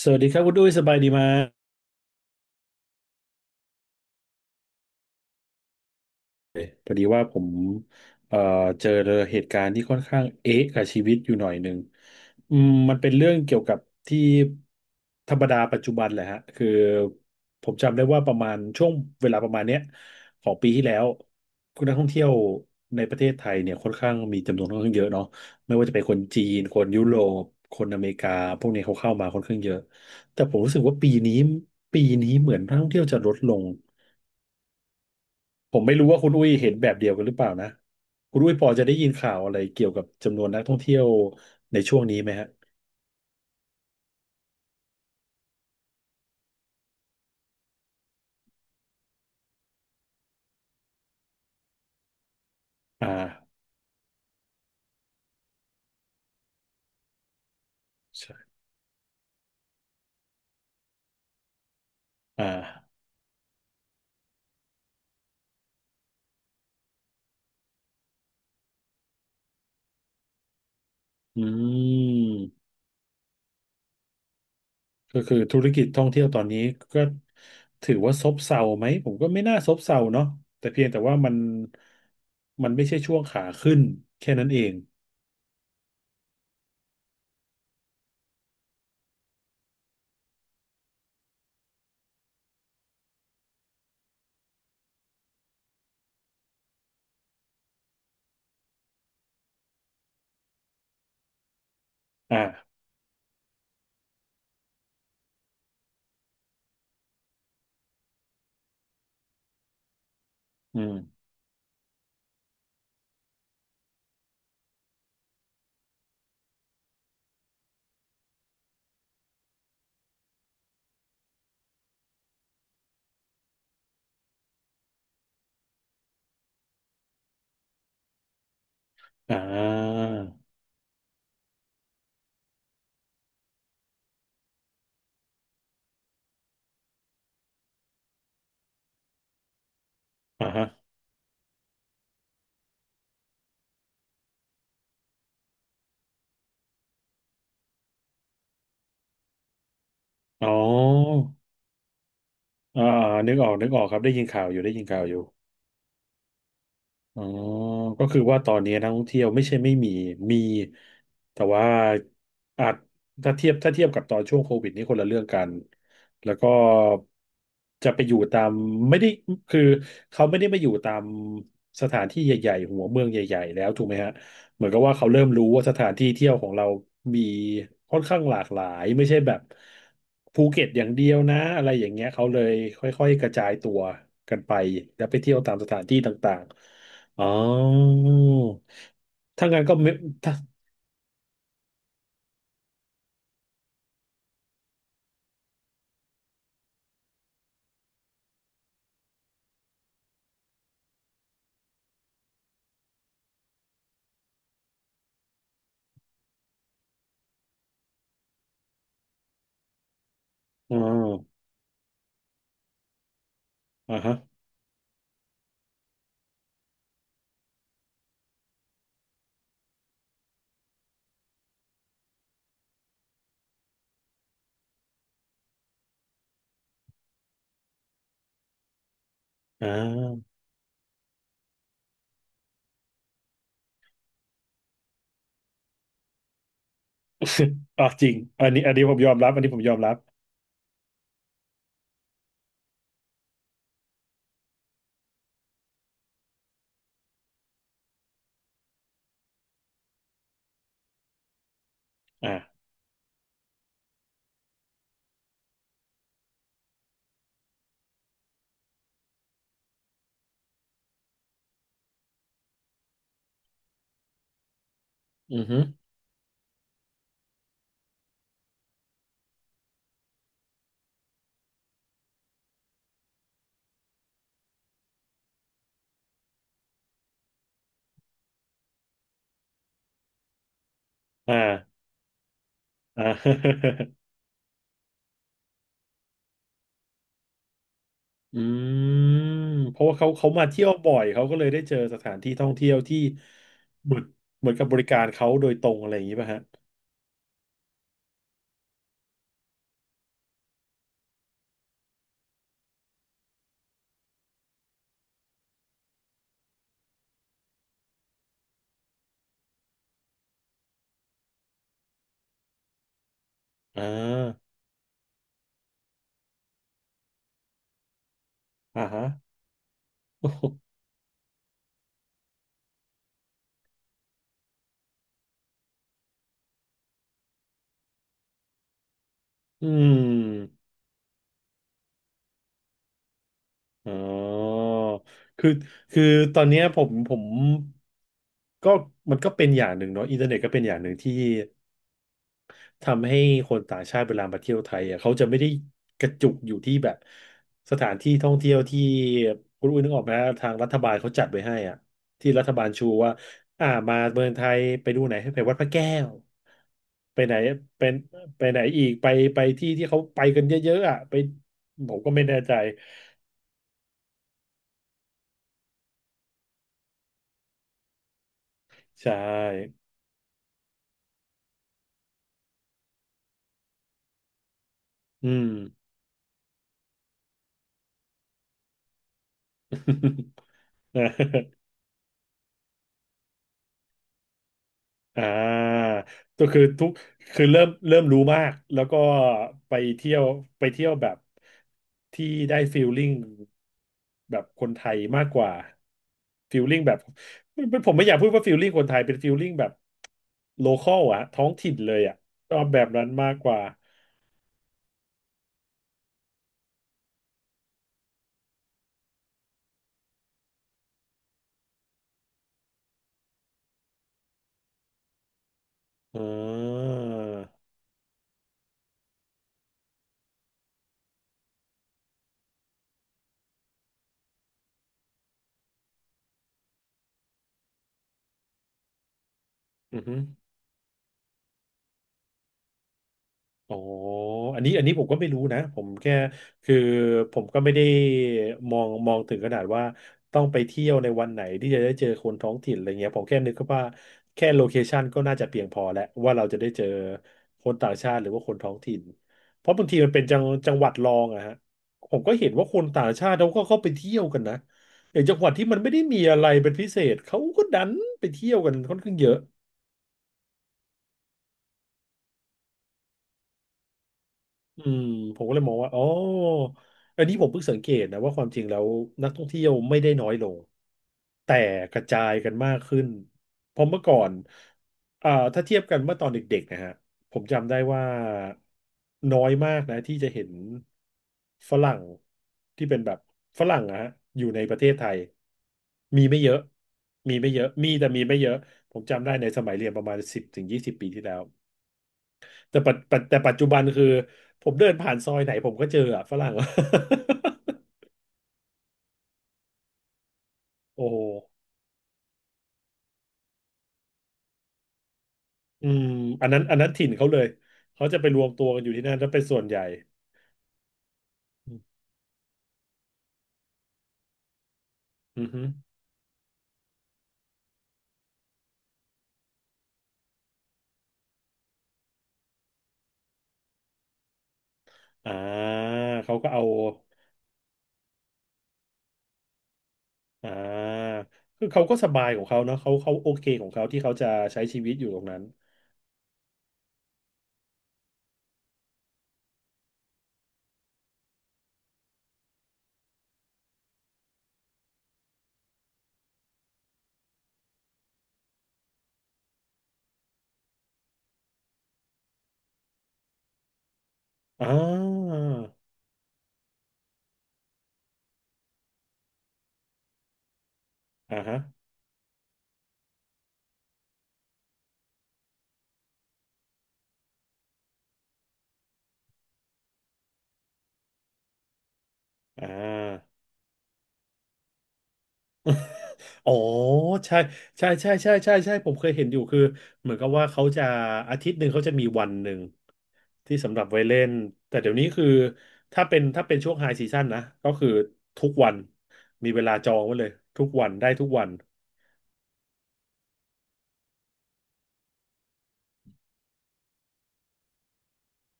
สวัสดีครับคุณดุ้ยสบายดีไหมพอดีว่าผมเอ่อเจอเหตุการณ์ที่ค่อนข้างเอ๊ะกับชีวิตอยู่หน่อยหนึ่งมันเป็นเรื่องเกี่ยวกับที่ธรรมดาปัจจุบันแหละฮะคือผมจำได้ว่าประมาณช่วงเวลาประมาณเนี้ยของปีที่แล้วคุณนักท่องเที่ยวในประเทศไทยเนี่ยค่อนข้างมีจำนวนค่อนข้างเยอะเนาะไม่ว่าจะเป็นคนจีนคนยุโรปคนอเมริกาพวกนี้เขาเข้ามาค่อนข้างเยอะแต่ผมรู้สึกว่าปีนี้เหมือนนักท่องเที่ยวจะลดลง ผมไม่รู้ว่าคุณอุ้ยเห็นแบบเดียวกันหรือเปล่านะคุณอุ้ยพอจะได้ยินข่าวอะไรเกี่ยวกับจำนวนนักท่องเที่ยวในช่วงนี้ไหมฮะอ่าใช่อ่าอืมก็คือธุรกิจท่องเที่ยวตอนนี้ก็ถือว่าซบเซาไหมผมก็ไม่น่าซบเซาเนาะแต่เพียงแต่ว่ามันไม่ใช่ช่วงขาขึ้นแค่นั้นเองอ่าอืมอ่าอ่าฮะอ๋ออ่าอ่านึกออกครับได้ยินข่าวอยู่ อ๋อก็คือว่าตอนนี้นักท่องเที่ยวไม่ใช่ไม่มีมีแต่ว่าอาจถ้าเทียบกับตอนช่วงโควิดนี่คนละเรื่องกัน แล้วก็จะไปอยู่ตามไม่ได้คือเขาไม่ได้มาอยู่ตามสถานที่ใหญ่ๆหัวเมืองใหญ่ๆแล้วถูกไหมฮะเหมือนกับว่าเขาเริ่มรู้ว่าสถานที่เที่ยวของเรามีค่อนข้างหลากหลายไม่ใช่แบบภูเก็ตอย่างเดียวนะอะไรอย่างเงี้ยเขาเลยค่อยๆกระจายตัวกันไปแล้วไปเที่ยวตามสถานที่ต่างๆ อ๋อถ้างั้นก็ไม่ถ้าอ๋ออ่าฮะอ่า อ่าจริงอันนี้ผมยอมรับอันนี้ผมยอมรับอ่าอือฮึอ่าอ่า อืมเพราะว่าเขามาเที่ยวบ่อยเขาก็เลยได้เจอสถานที่ท่องเที่ยวที่เหมือนกับบริการเขาโดยตรงอะไรอย่างนี้ป่ะฮะอ่าอ่าฮะ อืม อ๋อคือคือตอนเนี้ยผมก็มันก็เป็นอย่างหนึ่งเนาะอินเทอร์เน็ตก็เป็นอย่างหนึ่งที่ทำให้คนต่างชาติเวลามาเที่ยวไทยอ่ะเขาจะไม่ได้กระจุกอยู่ที่แบบสถานที่ท่องเที่ยวที่คุณอุ้ยนึกออกไหมทางรัฐบาลเขาจัดไว้ให้อ่ะที่รัฐบาลชูว่าอ่ามาเมืองไทยไปดูไหนให้ไปวัดพระแก้วไปไหนเป็นไปไหนอีกไปไปที่ที่เขาไปกันเยอะๆอ่ะไปผมก็ไม่แน่ใจใช่อืม อ่าอ่าก็คือทุกคือเริ่มรู้มาก แล้วก็ไปเที่ยวแบบที่ได้ฟีลลิ่งแบบคนไทยมากกว่าฟีลลิ่งแบบผมไม่อยากพูดว่าฟีลลิ่งคนไทยเป็นฟีลลิ่งแบบโลคอลอะท้องถิ่นเลยอะชอบแบบนั้นมากกว่าอ่าอือฮึ อ๋ออันนี้ผมก็ไม่รู้นะผมแค่คือผมก็ไม่ได้มองถึงขนาดว่าต้องไปเที่ยวในวันไหนที่จะได้เจอคนท้องถิ่นอะไรเงี้ยผมแค่นึกว่าแค่โลเคชันก็น่าจะเพียงพอแล้วว่าเราจะได้เจอคนต่างชาติหรือว่าคนท้องถิ่น เพราะบางทีมันเป็นจังหวัดรองอะฮะผมก็เห็นว่าคนต่างชาติเขาก็เข้าไปเที่ยวกันนะอย่างจังหวัดที่มันไม่ได้มีอะไรเป็นพิเศษเขาก็ดันไปเที่ยวกันค่อนข้างเยอะ อืมผมก็เลยมองว่าอ๋ออันนี้ผมเพิ่งสังเกตนะว่าความจริงแล้วนักท่องเที่ยวไม่ได้น้อยลงแต่กระจายกันมากขึ้นเพราะเมื่อก่อนอ่าถ้าเทียบกันเมื่อตอนเด็กๆนะฮะผมจำได้ว่าน้อยมากนะที่จะเห็นฝรั่งที่เป็นแบบฝรั่งนะฮะอยู่ในประเทศไทยมีไม่เยอะมีไม่เยอะมีแต่มีไม่เยอะผมจำได้ในสมัยเรียนประมาณ10 ถึง 20 ปีที่แล้ว แต่ปัจจุบันคือผมเดินผ่านซอยไหนผมก็เจออะฝรั่ง โอ้โหอืมอันนั้นถิ่นเขาเลย เขาจะไปรวมตัวกันอยู่ที่นั่นแล้วเป็นส่วนใหญ่อืมอือฮึอ่าเขาก็เอาอ่าคือเขาก็สบายของเขาเนาะเขาโอเคของเขาที่เขาจะใช้ชีวิตอยู่ตรงนั้นอ่าอ่าฮะอ่า อ๋อใช่ใช่ใช่ใช่ใช่ใช่ผมเคยเห็นอยู่คือเหมือนกับว่าเขาจะอาทิตย์หนึ่งเขาจะมีวันหนึ่งที่สำหรับไว้เล่นแต่เดี๋ยวนี้คือถ้าเป็นช่วงไฮซีซั่นนะก็คือทุกวันมีเวลาจองไว้เลยทุกวันได้ทุกวัน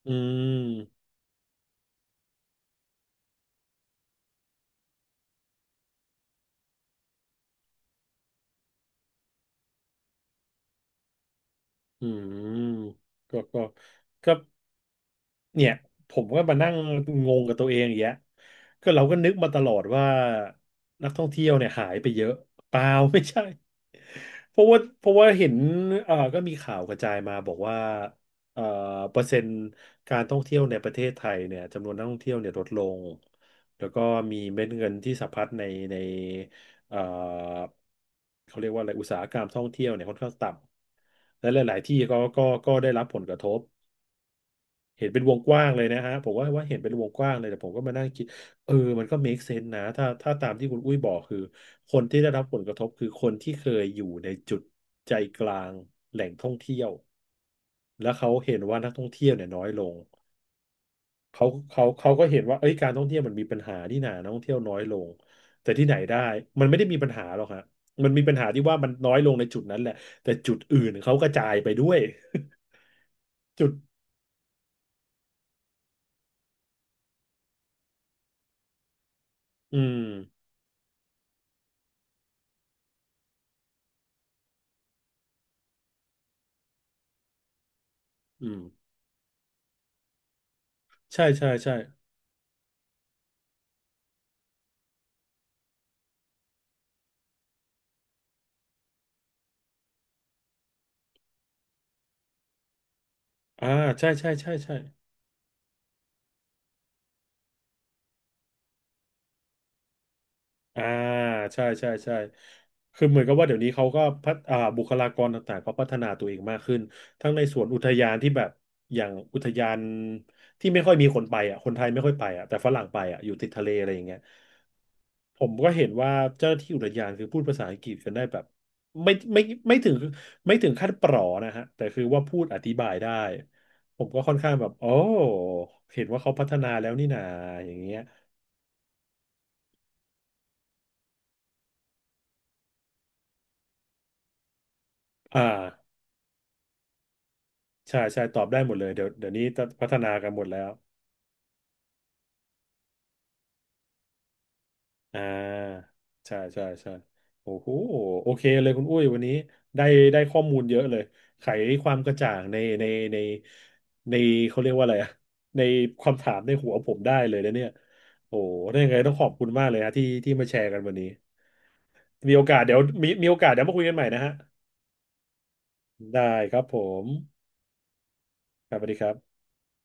อืม อืมก็ก็ก็เนี่ยผมก็มานั่งงงกับตัวเองอย่างเงี้ยก็เราก็นึกมาตลอดว่านักท่องเที่ยวเนี่ยหายไปเยอะเปล่า ไม่ใช่เพราะว่าเห็นก็มีข่าวกระจายมาบอกว่าเอ่อเปอร์เซ็นต์การท่องเที่ยวในประเทศไทยเนี่ยจำนวนนักท่องเที่ยวเนี่ยลดลงแล้วก็มีเม็ดเงินที่สะพัดใน เอ่อเขาเรียกว่าอะไรอุตสาหกรรมท่องเที่ยวเนี่ยค่อนข้างต่ำและหลายๆที่ก็ได้รับผลกระทบเห็นเป็นวงกว้างเลยนะฮะผมว่าเห็นเป็นวงกว้างเลยแต่ผมก็มานั่งคิดเออมันก็ make sense นะถ้าตามที่คุณอุ้ยบอกคือคนที่ได้รับผลกระทบคือคนที่เคยอยู่ในจุดใจกลางแหล่งท่องเที่ยวแล้วเขาเห็นว่านักท่องเที่ยวเนี่ยน้อยลง เขาก็เห็นว่าเอ้ยการท่องเที่ยวมันมีปัญหานี่หนานักท่องเที่ยวน้อยลงแต่ที่ไหนได้มันไม่ได้มีปัญหาหรอกฮะมันมีปัญหาที่ว่ามันน้อยลงในจุดนั้นแหละแต่จุดอื่นเขากระจายไปด้วย จุดอืมอืมใช่ใช่ใช่อ่าใช่ใช่ใช่ใช่ อ่าใช่ใช่ใช่คือเหมือนกับว่าเดี๋ยวนี้เขาก็พัฒอ่าบุคลากรต่างๆเขาพัฒนาตัวเองมากขึ้นทั้งในส่วนอุทยานที่แบบอย่างอุทยานที่ไม่ค่อยมีคนไปอ่ะคนไทยไม่ค่อยไปอ่ะแต่ฝรั่งไปอ่ะอยู่ติดทะเลอะไรอย่างเงี้ยผมก็เห็นว่าเจ้าหน้าที่อุทยานคือพูดภาษาอังกฤษกันได้แบบไม่ไม่ไม่ถึงไม่ถึงขั้นปลอนะฮะแต่คือว่าพูดอธิบายได้ผมก็ค่อนข้างแบบโอ้เห็นว่าเขาพัฒนาแล้วนี่นาอย่างเงี้ยอ่า ใช่ใช่ตอบได้หมดเลยเดี๋ยวนี้พัฒนากันหมดแล้วอ่าใช่ใช่ใช่โอ้โหโอเคเลยคุณอุ้ยวันนี้ได้ได้ข้อมูลเยอะเลยไขความกระจ่างในในเขาเรียกว่าอะไรอะในความถามในหัวผมได้เลยนะเนี่ยโอ้โหได้ยังไงต้องขอบคุณมากเลยฮะที่มาแชร์กันวันนี้มีโอกาสเดี๋ยวมีโอกาสเดี๋ยวมาคุยกันใหม่นะฮะได้ครับผมครับสวัสดีครับ